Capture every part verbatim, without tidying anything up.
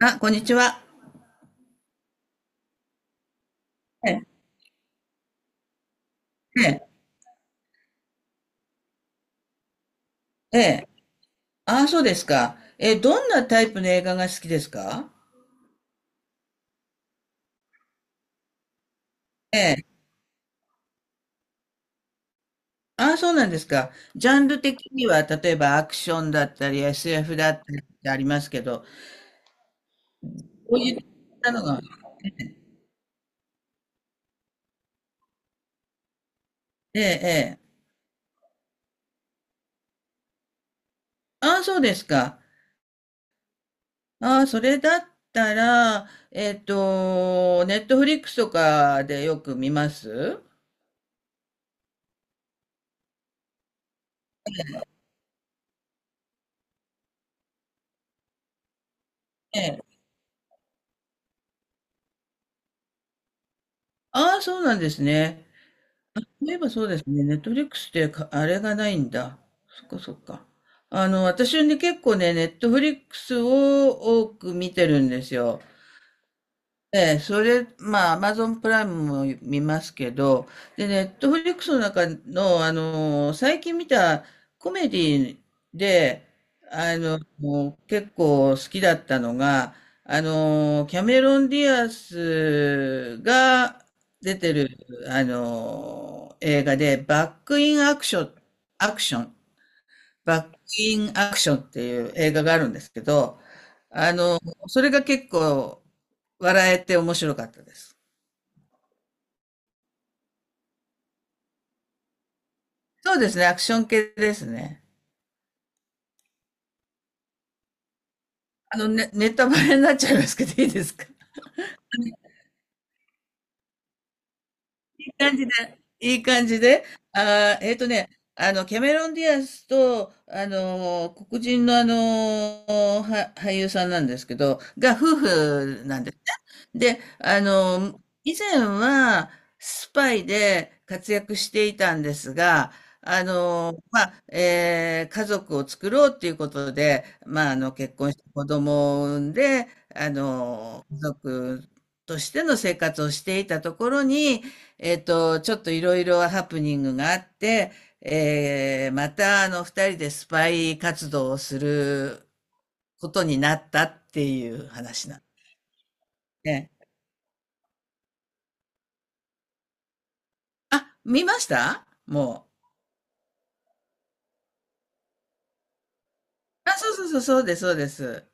あ、こんにちは。ええ、ええ、ええ。ああ、そうですか。ええ、どんなタイプの映画が好きですか？ええ。ああ、そうなんですか。ジャンル的には、例えばアクションだったり、エスエフ だったりってありますけど、こういったのが、ええ、ええ。ああ、そうですか。ああ、それだったら、えっと、ネットフリックスとかでよく見ます？ええ。ああ、そうなんですね。そういえばそうですね。ネットフリックスってか、あれがないんだ。そっかそっか。あの、私ね、結構ね、ネットフリックスを多く見てるんですよ。ええ、それ、まあ、アマゾンプライムも見ますけど、で、ネットフリックスの中の、あのー、最近見たコメディで、あの、もう結構好きだったのが、あのー、キャメロン・ディアスが出てる、あのー、映画で、バック・イン・アクション、アクションっバッキンアクションっていう映画があるんですけど、あの、それが結構笑えて面白かったです。そうですね、アクション系ですね。あの、ね、ネタバレになっちゃいますけどいいですか？い感じで、いい感じで、あーえっとね、あの、キャメロン・ディアスと、あの、黒人のあの、は、俳優さんなんですけど、が夫婦なんですね。で、あの、以前はスパイで活躍していたんですが、あの、まあ、えー家族を作ろうっていうことで、まあ、あの、結婚して子供を産んで、あの、家族としての生活をしていたところに、えっと、ちょっといろいろハプニングがあって、えー、またあの二人でスパイ活動をすることになったっていう話なんですね。あ、見ましたもう。あ、そうそうそう、そうです、そうです。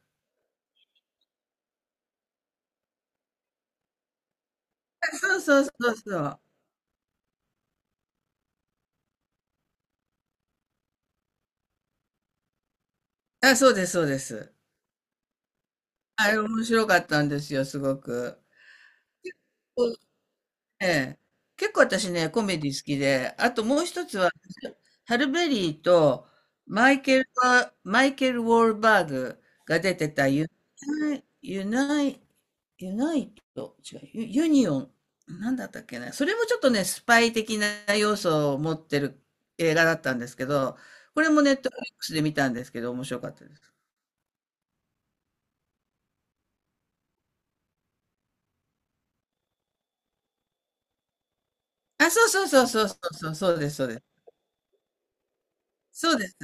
そうそうそうそう。あ、そうです、そうです。あれ面白かったんですよ、すごく。ええ。結構私ね、コメディ好きで、あともう一つはハルベリーとマイケルバ、マイケル・ウォールバーグが出てたユナイ、ユナイ、ユナイト、違う、ユ、ユニオン、なんだったっけな。それもちょっとね、スパイ的な要素を持ってる映画だったんですけど、これもネットフリックスで見たんですけど、面白かったです。あ、そうそうそうそうそうそう、そうです、そうです。そうです。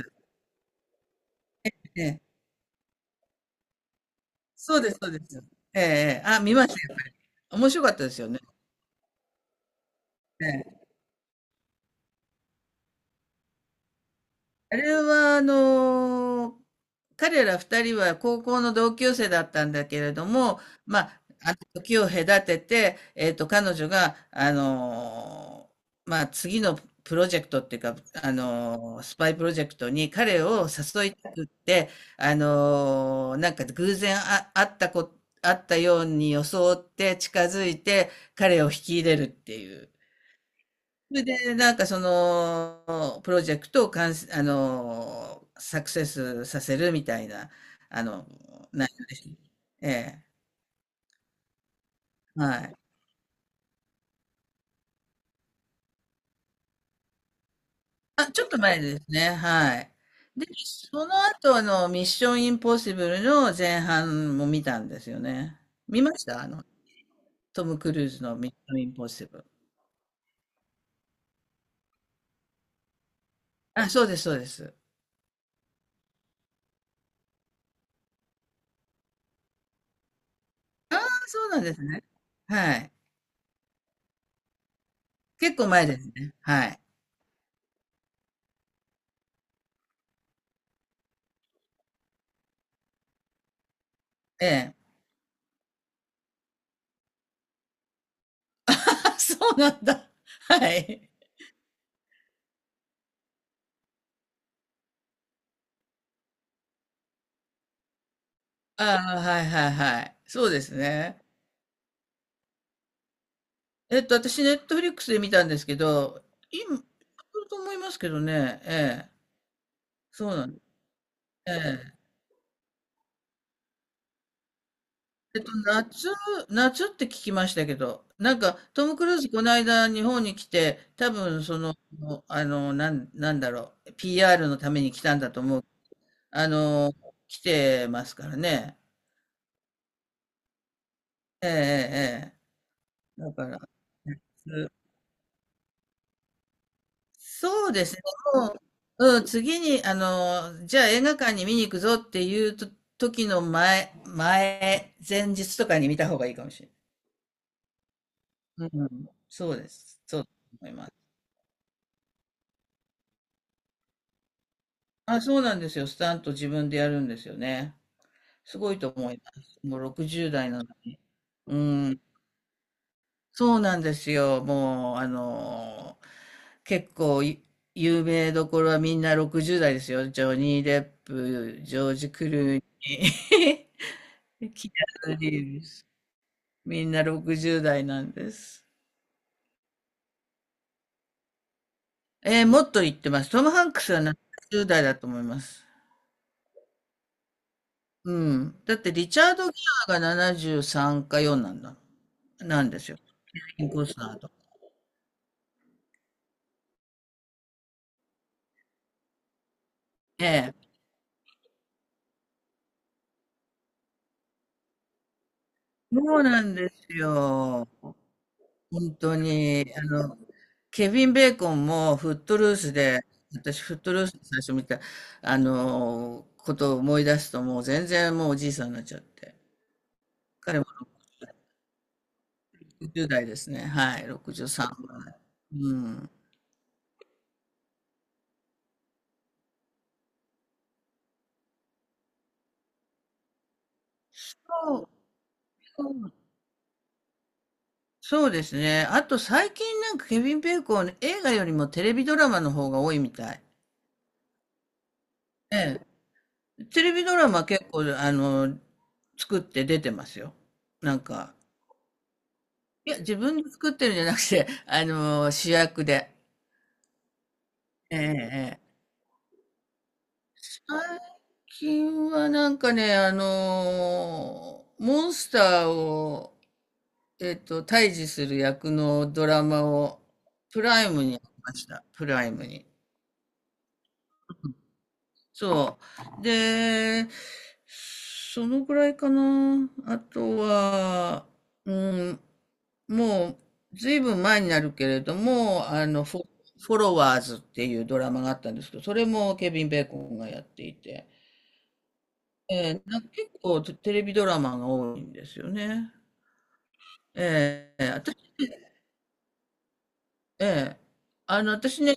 ええ、そうです、そうです。ええ、ええあ、見ました、やっぱり。面白かったですよね。ええ。あれは、あの、彼ら二人は高校の同級生だったんだけれども、まあ、あの時を隔てて、えっと、彼女が、あの、まあ、次のプロジェクトっていうか、あの、スパイプロジェクトに彼を誘いたくって、あの、なんか偶然あ、あったこ、会ったように装って近づいて彼を引き入れるっていう。それで、なんかその、プロジェクトを完成あの、サクセスさせるみたいな、あの、内容でした。ええ、はい。あ、ちょっと前ですね、はい。で、その後、あの、ミッションインポッシブルの前半も見たんですよね。見ました。あの、トム・クルーズのミッションインポッシブル。あ、そうです、そうです。ああ、そうなんですね。はい。結構前ですね。はい。ええ。あ、そうなんだ。はい。ああ、はいはいはい。そうですね。えっと、私、ネットフリックスで見たんですけど、今、いると思いますけどね、ええ、そうなんです。ええ。えっと、夏、夏って聞きましたけど、なんか、トム・クルーズ、この間、日本に来て、多分、その、あの、なん、なんだろう、ピーアール のために来たんだと思う。あの、来てますからね。ええ、ええ、ええ。だから、夏。そうですね。もう、うん、次に、あの、じゃあ映画館に見に行くぞっていうと時の前、前、前日とかに見た方がいいかもしれない。うん、そうです。そうだと思います。あ、そうなんですよ。スタント自分でやるんですよね。すごいと思います。もうろくじゅうだい代なのに。うん、そうなんですよ。もう、あの、結構い有名どころはみんなろくじゅうだい代ですよ。ジョニー・デップ、ジョージ・クルーニー。キアヌ・リーブス。みんなろくじゅうだい代なんです。えーもっと言ってます。トム・ハンクスはななじゅうだい代だと思います。うん。だってリチャード・ギアがななじゅうさんかよんなんだ。なんですよ。インコスナーと。ええ。そうなんですよ。本当に。あの、ケビン・ベーコンもフットルースで、私フットルースで最初見た、あの、ことを思い出すともう全然もうおじいさんになっちゃって。彼じゅうだい代ですね。はい、ろくじゅうさんぐらい。うん。そう、そう、そうですね。あと最近なんかケビン・ベーコン、映画よりもテレビドラマの方が多いみたい。ええ。テレビドラマ結構、あの、作って出てますよ。なんか、いや、自分で作ってるんじゃなくて、あの、主役で。ええ、ええ。最近はなんかね、あの、モンスターを、えっと、対峙する役のドラマをプライムにやりました。プライムに。そう。で、そのぐらいかな。あとは、うん、もう、ずいぶん前になるけれども、あの、フォ、フォロワーズっていうドラマがあったんですけど、それもケビン・ベーコンがやっていて、えー、なんか結構テテレビドラマが多いんですよね。えー、私、えー、あの、私ね、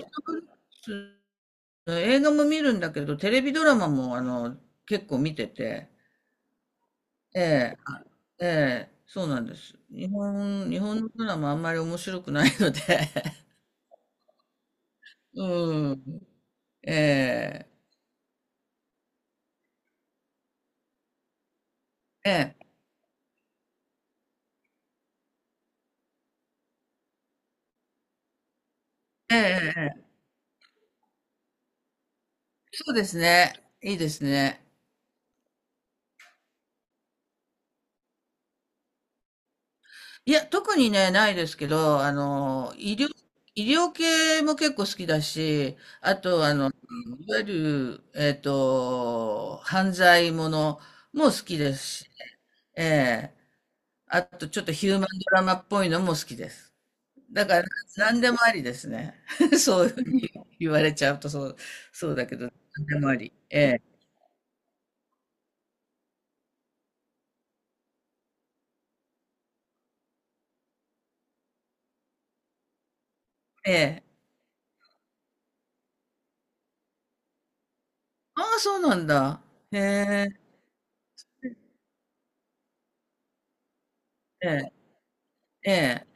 映画も見るんだけど、テレビドラマもあの結構見てて、ええ、ええ、そうなんです。日本、日本のドラマあんまり面白くないので、うん、ええ、ええ、ええ、ええ。そうですね。いいですね。いや、特にね、ないですけど、あの、医療、医療系も結構好きだし、あと、あの、いわゆる、えっと、犯罪ものも好きですしね、ええ。あとちょっとヒューマンドラマっぽいのも好きです。だから何でもありですね。そういうふうに言われちゃうとそう、そうだけど、何でもあり。ええ、ええ。ああ、そうなんだ。へえ、ええ、ええ。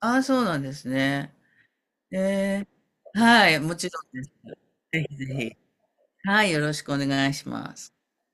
ああ、そうなんですね。ええ。はい、もちろんです。ぜひぜひ。はい、よろしくお願いします。